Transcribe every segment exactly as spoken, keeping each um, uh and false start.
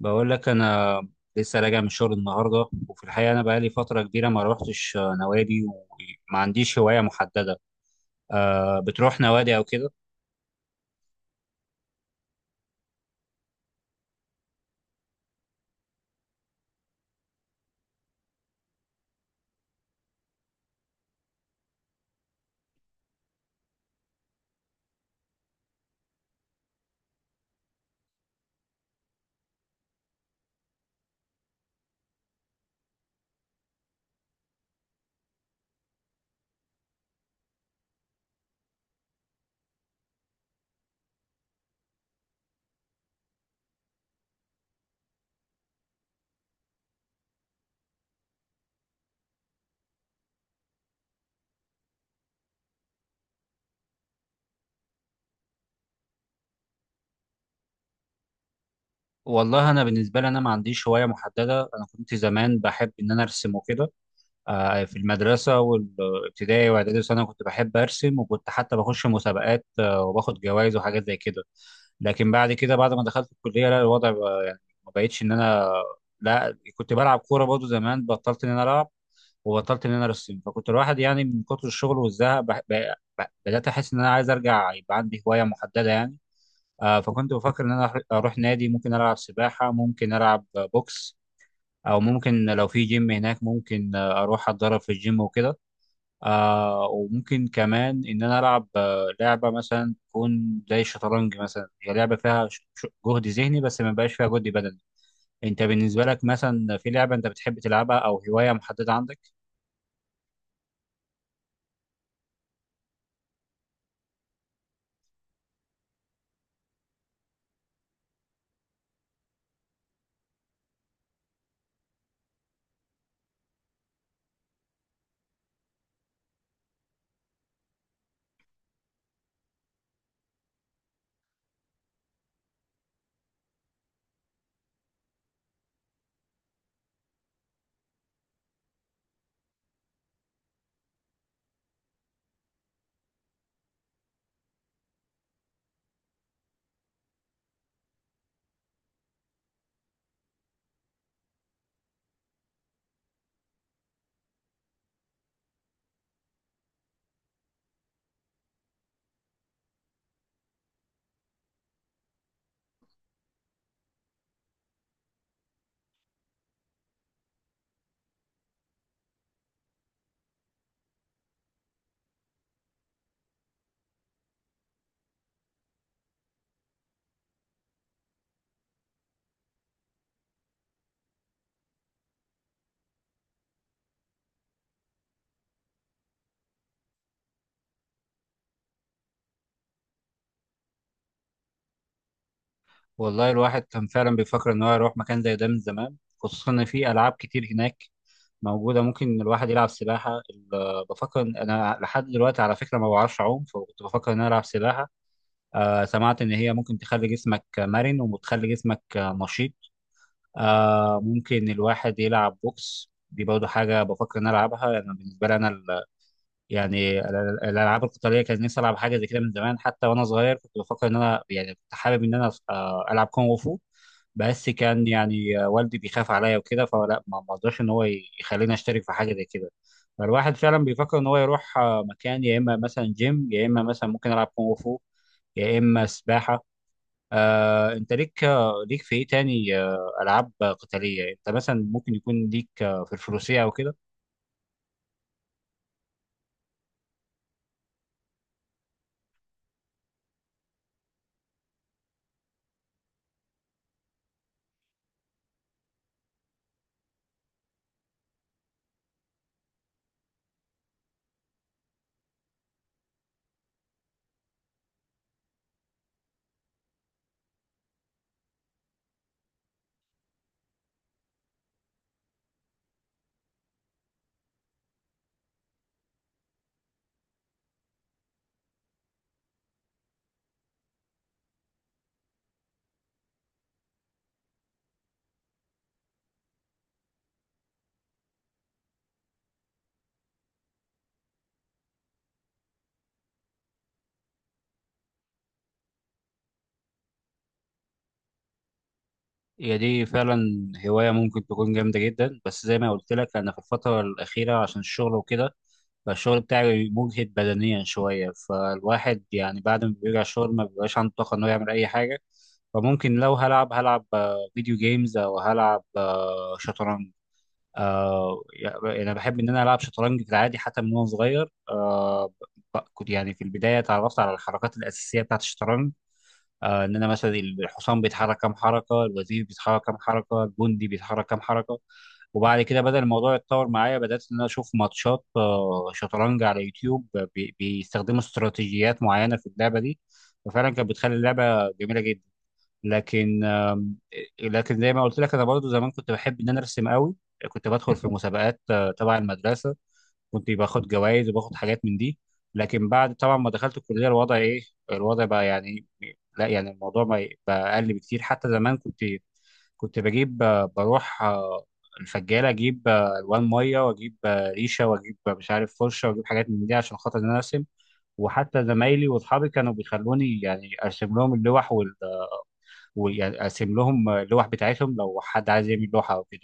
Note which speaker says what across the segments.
Speaker 1: بقول لك انا لسه راجع من الشغل النهارده. وفي الحقيقه انا بقالي فتره كبيره ما روحتش آه، نوادي، وما عنديش هوايه محدده. أه بتروح نوادي او كده؟ والله انا بالنسبه لي انا ما عنديش هوايه محدده. انا كنت زمان بحب ان انا ارسم وكده. أه في المدرسه والابتدائي واعدادي وثانوي كنت بحب ارسم، وكنت حتى بخش مسابقات آه، وباخد جوائز وحاجات زي كده. لكن بعد كده، بعد ما دخلت الكليه، لا، الوضع بقى يعني ما بقتش ان انا لا، كنت بلعب كوره برضه زمان، بطلت ان انا العب وبطلت ان انا ارسم. فكنت الواحد يعني من كتر الشغل والزهق بح- ب- ب- بدات احس ان انا عايز ارجع يبقى عندي هوايه محدده يعني. آه، فكنت بفكر ان انا أح- اروح نادي، ممكن العب سباحه، ممكن العب بوكس، او ممكن لو في جيم هناك ممكن آه، اروح اتدرب في الجيم وكده. آه، وممكن كمان ان انا العب آه، لعبه مثلا تكون زي الشطرنج، مثلا هي لعبه فيها ش- ش- جهد ذهني بس ما بقاش فيها جهد بدني. انت بالنسبه لك مثلا في لعبه انت بتحب تلعبها او هوايه محدده عندك؟ والله الواحد كان فعلا بيفكر ان هو يروح مكان زي ده من زمان، خصوصا ان في العاب كتير هناك موجوده. ممكن الواحد يلعب سباحه، ال- بفكر إن انا لحد دلوقتي على فكره ما بعرفش اعوم، فكنت بفكر ان انا العب سباحه. آه سمعت ان هي ممكن تخلي جسمك مرن وبتخلي جسمك آه، نشيط. آه ممكن الواحد يلعب بوكس، دي برضه حاجه بفكر ان انا العبها. انا بالنسبه لي انا يعني ال- ال- الالعاب القتاليه كان نفسي العب حاجه زي كده من زمان، حتى وانا صغير كنت بفكر ان انا يعني كنت حابب ان انا آه، العب كونغ فو. بس كان يعني آه، والدي بيخاف عليا وكده، فلا، ما ما رضاش ان هو ي- يخليني اشترك في حاجه زي كده. فالواحد فعلا بيفكر ان هو يروح آه، مكان، يا اما مثلا جيم، يا اما مثلا ممكن العب كونغ فو، يا اما سباحه. آه، انت ليك آه، ليك في ايه تاني؟ آه، العاب قتاليه، انت مثلا ممكن يكون ليك آه، في الفروسيه او كده؟ هي دي فعلا هواية ممكن تكون جامدة جدا، بس زي ما قلت لك أنا في الفترة الأخيرة عشان الشغل وكده، فالشغل بتاعي مجهد بدنيا شوية، فالواحد يعني بعد ما بيرجع الشغل ما بيبقاش عنده طاقة إنه يعمل أي حاجة. فممكن لو هلعب، هلعب آه، فيديو جيمز، أو هلعب آه، شطرنج. آه يعني أنا بحب إن أنا ألعب شطرنج في العادي حتى من وأنا صغير. آه ب- ب- كنت يعني في البداية اتعرفت على الحركات الأساسية بتاعة الشطرنج، آه ان انا مثلا الحصان بيتحرك كام حركه، الوزير بيتحرك كام حركه، الجندي بيتحرك كام حركه. وبعد كده بدأ الموضوع يتطور معايا، بدأت ان انا اشوف ماتشات آه، شطرنج على يوتيوب، آه، بي- بيستخدموا استراتيجيات معينه في اللعبه دي، وفعلا كانت بتخلي اللعبه جميله جدا. لكن آه، لكن زي ما قلت لك انا برضو زمان كنت بحب ان انا ارسم قوي. كنت بدخل في مسابقات آه، تبع المدرسه، كنت باخد جوائز وباخد حاجات من دي. لكن بعد طبعا ما دخلت الكليه الوضع ايه، الوضع بقى يعني لا، يعني الموضوع ما ي- بقى اقل بكتير. حتى زمان كنت كنت بجيب آه، بروح آه، الفجاله، اجيب آه، الوان ميه، واجيب آه، ريشه، واجيب آه، مش عارف فرشه، واجيب حاجات من دي عشان خاطر ان انا ارسم. وحتى زمايلي واصحابي كانوا بيخلوني يعني ارسم لهم اللوح وال... ويعني ارسم لهم اللوح بتاعتهم لو حد عايز يعمل لوحه او كده.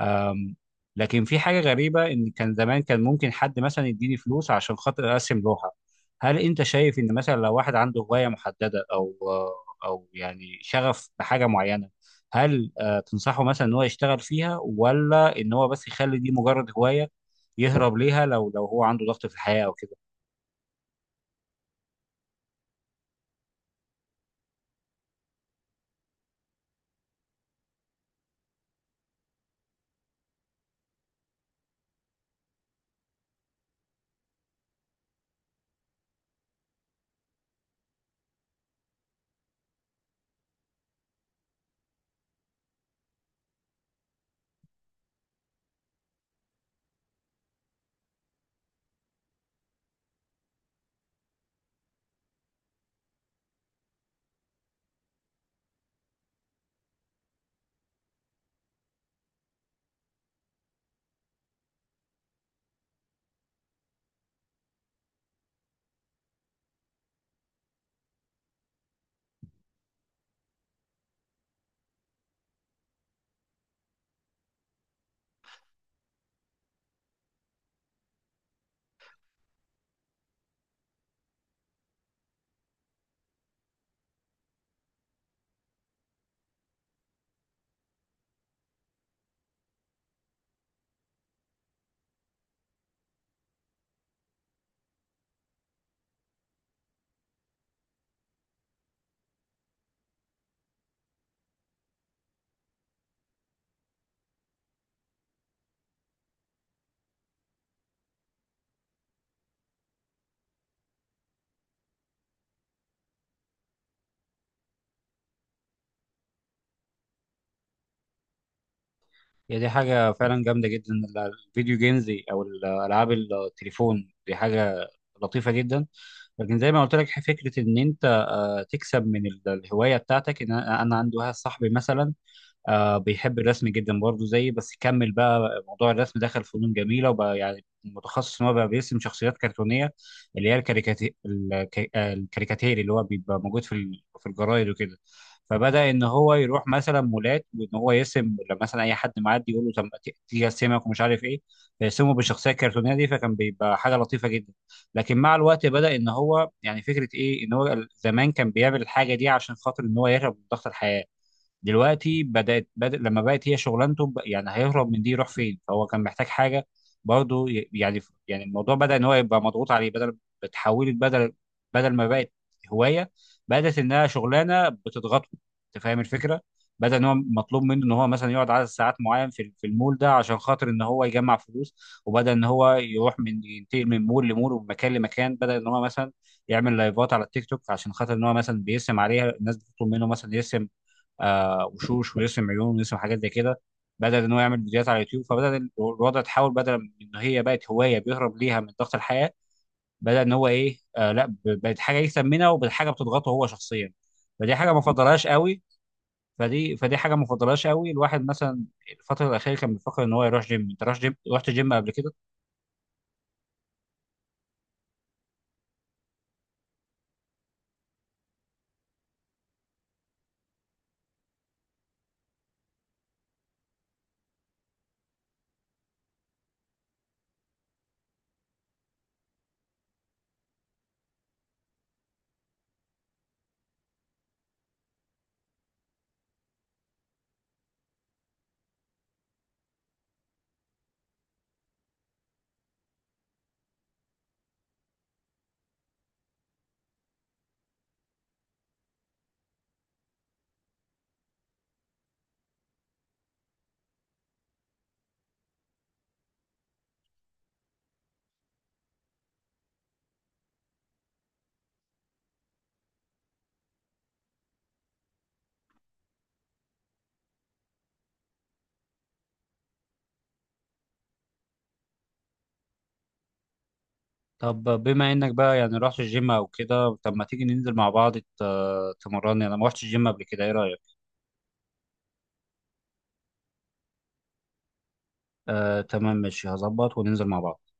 Speaker 1: أم، لكن في حاجة غريبة إن كان زمان كان ممكن حد مثلا يديني فلوس عشان خاطر أرسم لوحة. هل أنت شايف إن مثلا لو واحد عنده هواية محددة أو أو يعني شغف بحاجة معينة، هل آه، تنصحه مثلا إن هو يشتغل فيها، ولا إن هو بس يخلي دي مجرد هواية يهرب ليها لو لو هو عنده ضغط في الحياة أو كده؟ هي دي حاجة فعلا جامدة جدا. ال- الفيديو جيمز أو الألعاب التليفون دي حاجة لطيفة جدا. لكن زي ما قلت لك فكرة إن أنت تكسب من ال- الهوايه بتاعتك ان انا، أنا عندي واحد صاحبي مثلا آه بيحب الرسم جدا برضه زيي، بس كمل بقى موضوع الرسم، دخل فنون جميله، وبقى يعني متخصص ان هو بقى بيرسم شخصيات كرتونيه اللي هي الكاريكاتي... الك... آه، الكاريكاتيري اللي هو بيبقى موجود في ال... في الجرايد وكده. فبدا ان هو يروح مثلا مولات وان هو يرسم، لما مثلا اي حد معدي يقول له طب ما ت- تيجي ارسمك ومش عارف ايه، فيرسمه بالشخصيه الكرتونيه دي، فكان بيبقى حاجه لطيفه جدا. لكن مع الوقت بدا ان هو يعني فكره ايه، ان هو زمان كان بيعمل الحاجه دي عشان خاطر ان هو يهرب من ضغط الحياه، دلوقتي بدات بدأ لما بقت هي شغلانته ب- يعني هيهرب من دي يروح فين؟ فهو كان محتاج حاجه برضه ي- يعني، يعني الموضوع بدا ان هو يبقى مضغوط عليه. بدل بتحولت بدل بدل ما بقت هوايه، بدات انها شغلانه بتضغطه. انت فاهم الفكره؟ بدا ان هو مطلوب منه ان هو مثلا يقعد عدد ساعات معين في في المول ده عشان خاطر ان هو يجمع فلوس، وبدا ان هو يروح من ينتقل من مول لمول ومن مكان لمكان. بدا ان هو مثلا يعمل لايفات على التيك توك عشان خاطر ان هو مثلا بيرسم عليها، الناس بتطلب منه مثلا يرسم آه وشوش ويوسف، عيون ويوسف، حاجات زي كده. بدأ ان هو يعمل فيديوهات على اليوتيوب، فبدأ ال- الوضع تحول، بدل من ان هي بقت هوايه بيهرب ليها من ضغط الحياه، بدأ ان هو ايه، آه لا، ب- بقت حاجه يكسب منها، وبقت حاجه بتضغطه هو شخصيا. فدي حاجه ما فضلهاش قوي. فدي فدي حاجه ما فضلهاش قوي. الواحد مثلا الفتره الاخيره كان بيفكر ان هو يروح جيم. انت رحت جيم، رحت جيم قبل كده؟ طب بما انك بقى يعني رحت الجيم او كده، طب ما تيجي ننزل مع بعض ت- تمرني؟ انا ما رحتش الجيم قبل كده، ايه رايك؟ آه تمام ماشي، هظبط وننزل مع بعض.